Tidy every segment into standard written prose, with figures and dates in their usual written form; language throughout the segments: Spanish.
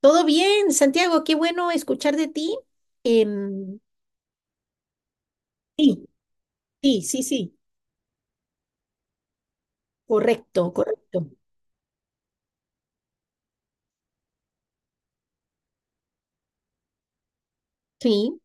Todo bien, Santiago, qué bueno escuchar de ti. Em, sí, sí, sí, sí, correcto, correcto. Sí,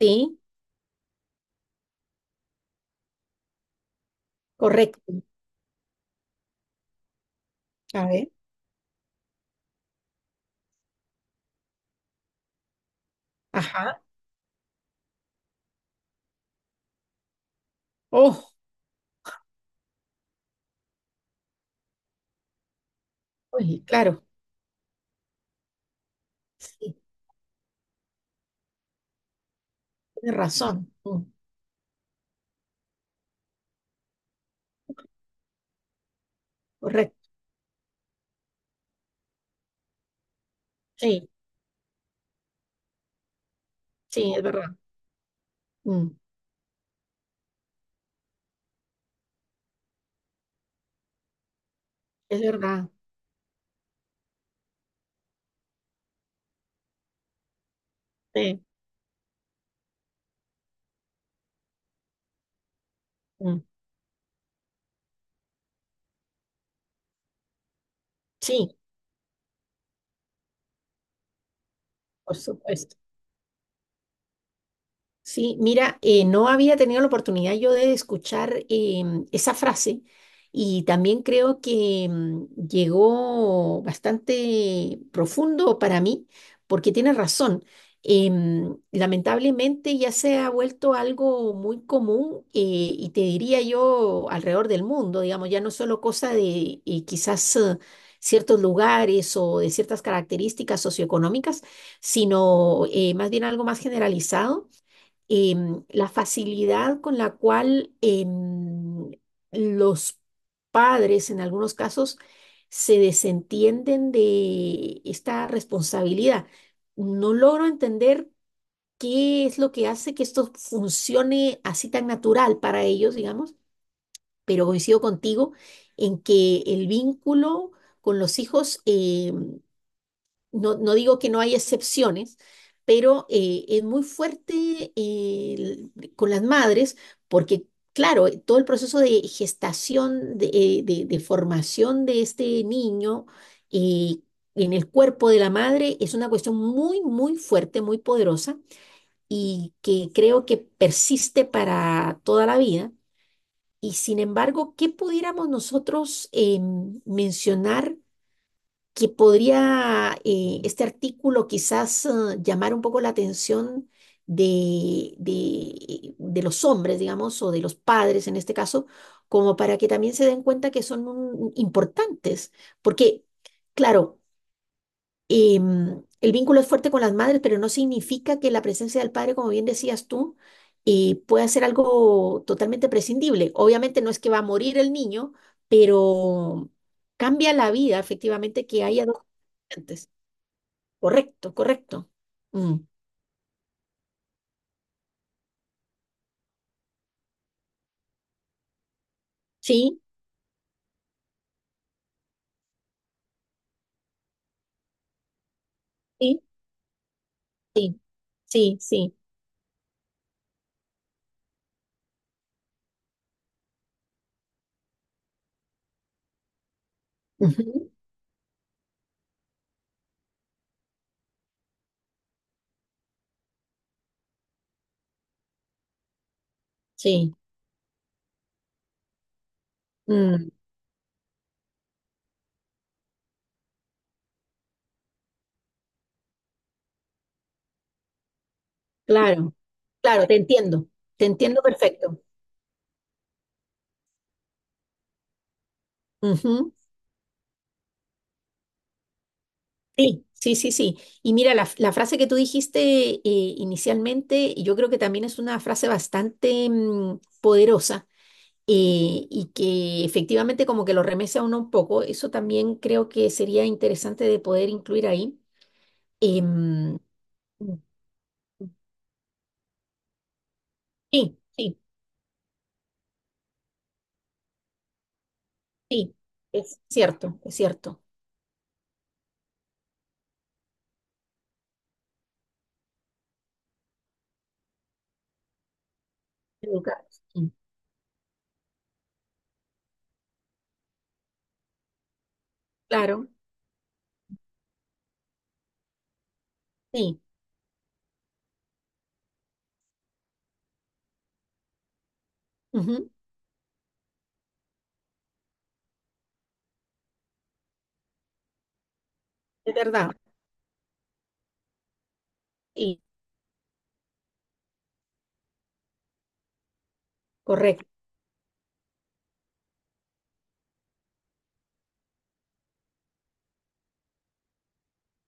sí, correcto. A ver, ajá. Oh, uy, claro, sí, tienes razón. Mm, correcto, sí, sí, es verdad. Mm, es verdad. Sí, mm, sí, por supuesto. Sí, mira, no había tenido la oportunidad yo de escuchar esa frase y también creo que llegó bastante profundo para mí porque tienes razón. Lamentablemente ya se ha vuelto algo muy común y te diría yo alrededor del mundo, digamos, ya no solo cosa de quizás ciertos lugares o de ciertas características socioeconómicas, sino más bien algo más generalizado la facilidad con la cual los padres, en algunos casos, se desentienden de esta responsabilidad. No logro entender qué es lo que hace que esto funcione así tan natural para ellos, digamos, pero coincido contigo en que el vínculo con los hijos no, no digo que no hay excepciones, pero es muy fuerte con las madres porque, claro, todo el proceso de gestación, de formación de este niño eh, en el cuerpo de la madre es una cuestión muy, muy fuerte, muy poderosa y que creo que persiste para toda la vida. Y sin embargo, ¿qué pudiéramos nosotros mencionar? Que podría este artículo quizás llamar un poco la atención de los hombres, digamos, o de los padres en este caso, como para que también se den cuenta que son importantes, porque, claro, eh, el vínculo es fuerte con las madres, pero no significa que la presencia del padre, como bien decías tú, pueda ser algo totalmente prescindible. Obviamente no es que va a morir el niño, pero cambia la vida efectivamente que haya dos antes. Correcto, correcto. Mm. Sí, sí, sí, sí, sí. Ujú, sí, mm, claro, claro, te entiendo perfecto. Ujú. Sí, sí, sí, sí. Y mira, la frase que tú dijiste inicialmente, y yo creo que también es una frase bastante poderosa y que efectivamente como que lo remece a uno un poco. Eso también creo que sería interesante de poder incluir ahí. Em, sí, sí, sí, es cierto, es cierto. Educar, sí, claro, sí, ujú, es verdad, sí, correcto.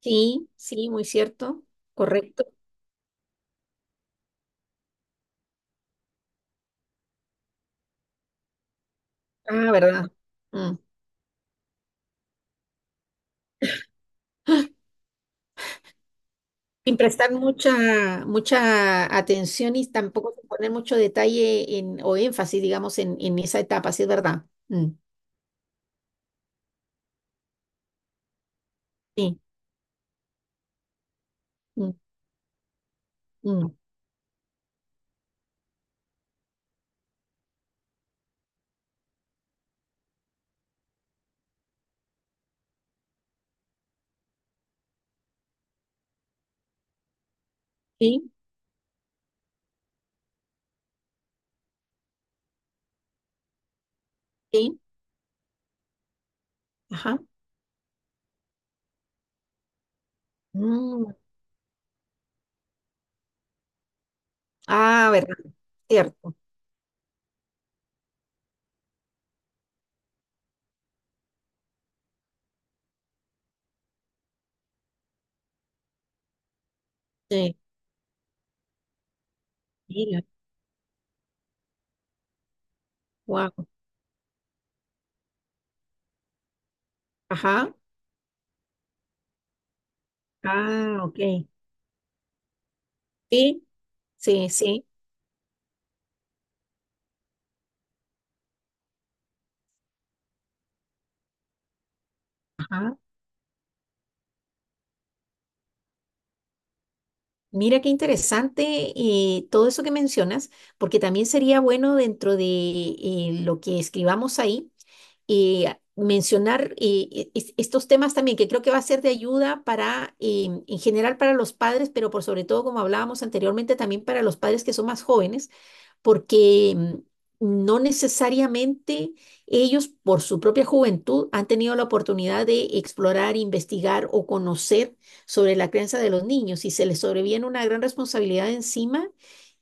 Sí, sí, muy cierto, correcto. Ah, verdad. Mm. Sin prestar mucha, mucha atención y tampoco sin poner mucho detalle en, o énfasis, digamos, en esa etapa, sí es verdad. Mm, sí, mm, mm, sí, sí, ajá. Mm, ah, verdad, cierto. Sí, mira, wow. Ajá, ah, ok. Sí, sí, sí, ajá. Mira qué interesante todo eso que mencionas, porque también sería bueno dentro de lo que escribamos ahí y mencionar estos temas también, que creo que va a ser de ayuda para, en general para los padres, pero por sobre todo, como hablábamos anteriormente, también para los padres que son más jóvenes, porque no necesariamente ellos, por su propia juventud, han tenido la oportunidad de explorar, investigar o conocer sobre la crianza de los niños y se les sobreviene una gran responsabilidad encima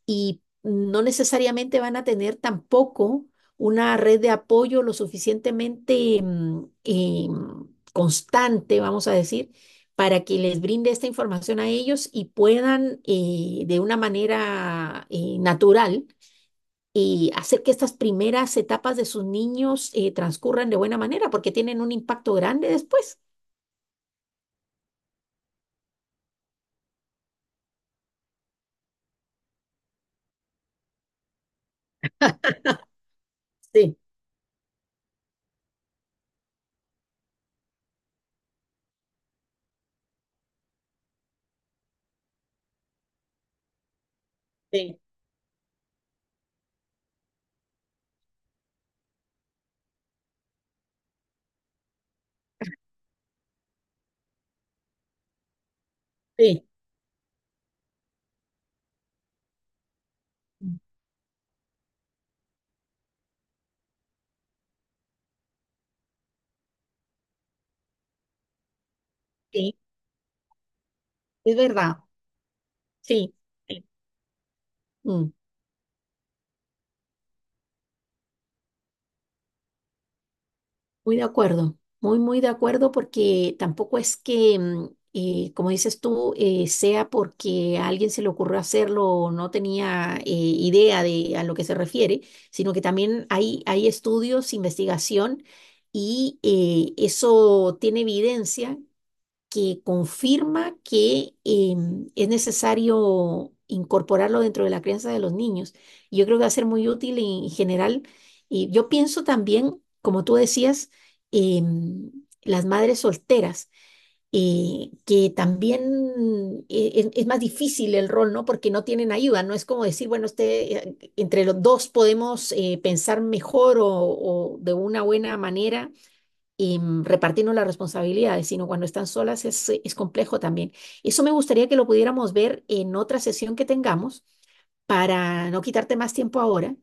y no necesariamente van a tener tampoco una red de apoyo lo suficientemente constante, vamos a decir, para que les brinde esta información a ellos y puedan de una manera natural y hacer que estas primeras etapas de sus niños transcurran de buena manera, porque tienen un impacto grande después. Sí, sí, sí. Sí, es verdad. Sí. Sí. Mm. Muy de acuerdo, muy, muy de acuerdo, porque tampoco es que, como dices tú, sea porque a alguien se le ocurrió hacerlo o no tenía idea de a lo que se refiere, sino que también hay estudios, investigación, y eso tiene evidencia que confirma que es necesario incorporarlo dentro de la crianza de los niños. Y yo creo que va a ser muy útil en general. Y yo pienso también, como tú decías, em, las madres solteras, que también es más difícil el rol, ¿no? Porque no tienen ayuda. No es como decir, bueno, este, entre los dos podemos pensar mejor o de una buena manera y repartirnos las responsabilidades, sino cuando están solas es complejo también. Eso me gustaría que lo pudiéramos ver en otra sesión que tengamos para no quitarte más tiempo ahora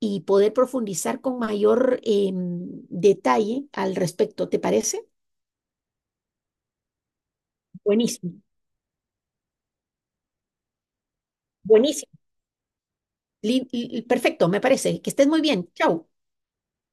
y poder profundizar con mayor detalle al respecto. ¿Te parece? Buenísimo, buenísimo. Perfecto, me parece. Que estés muy bien. Chao.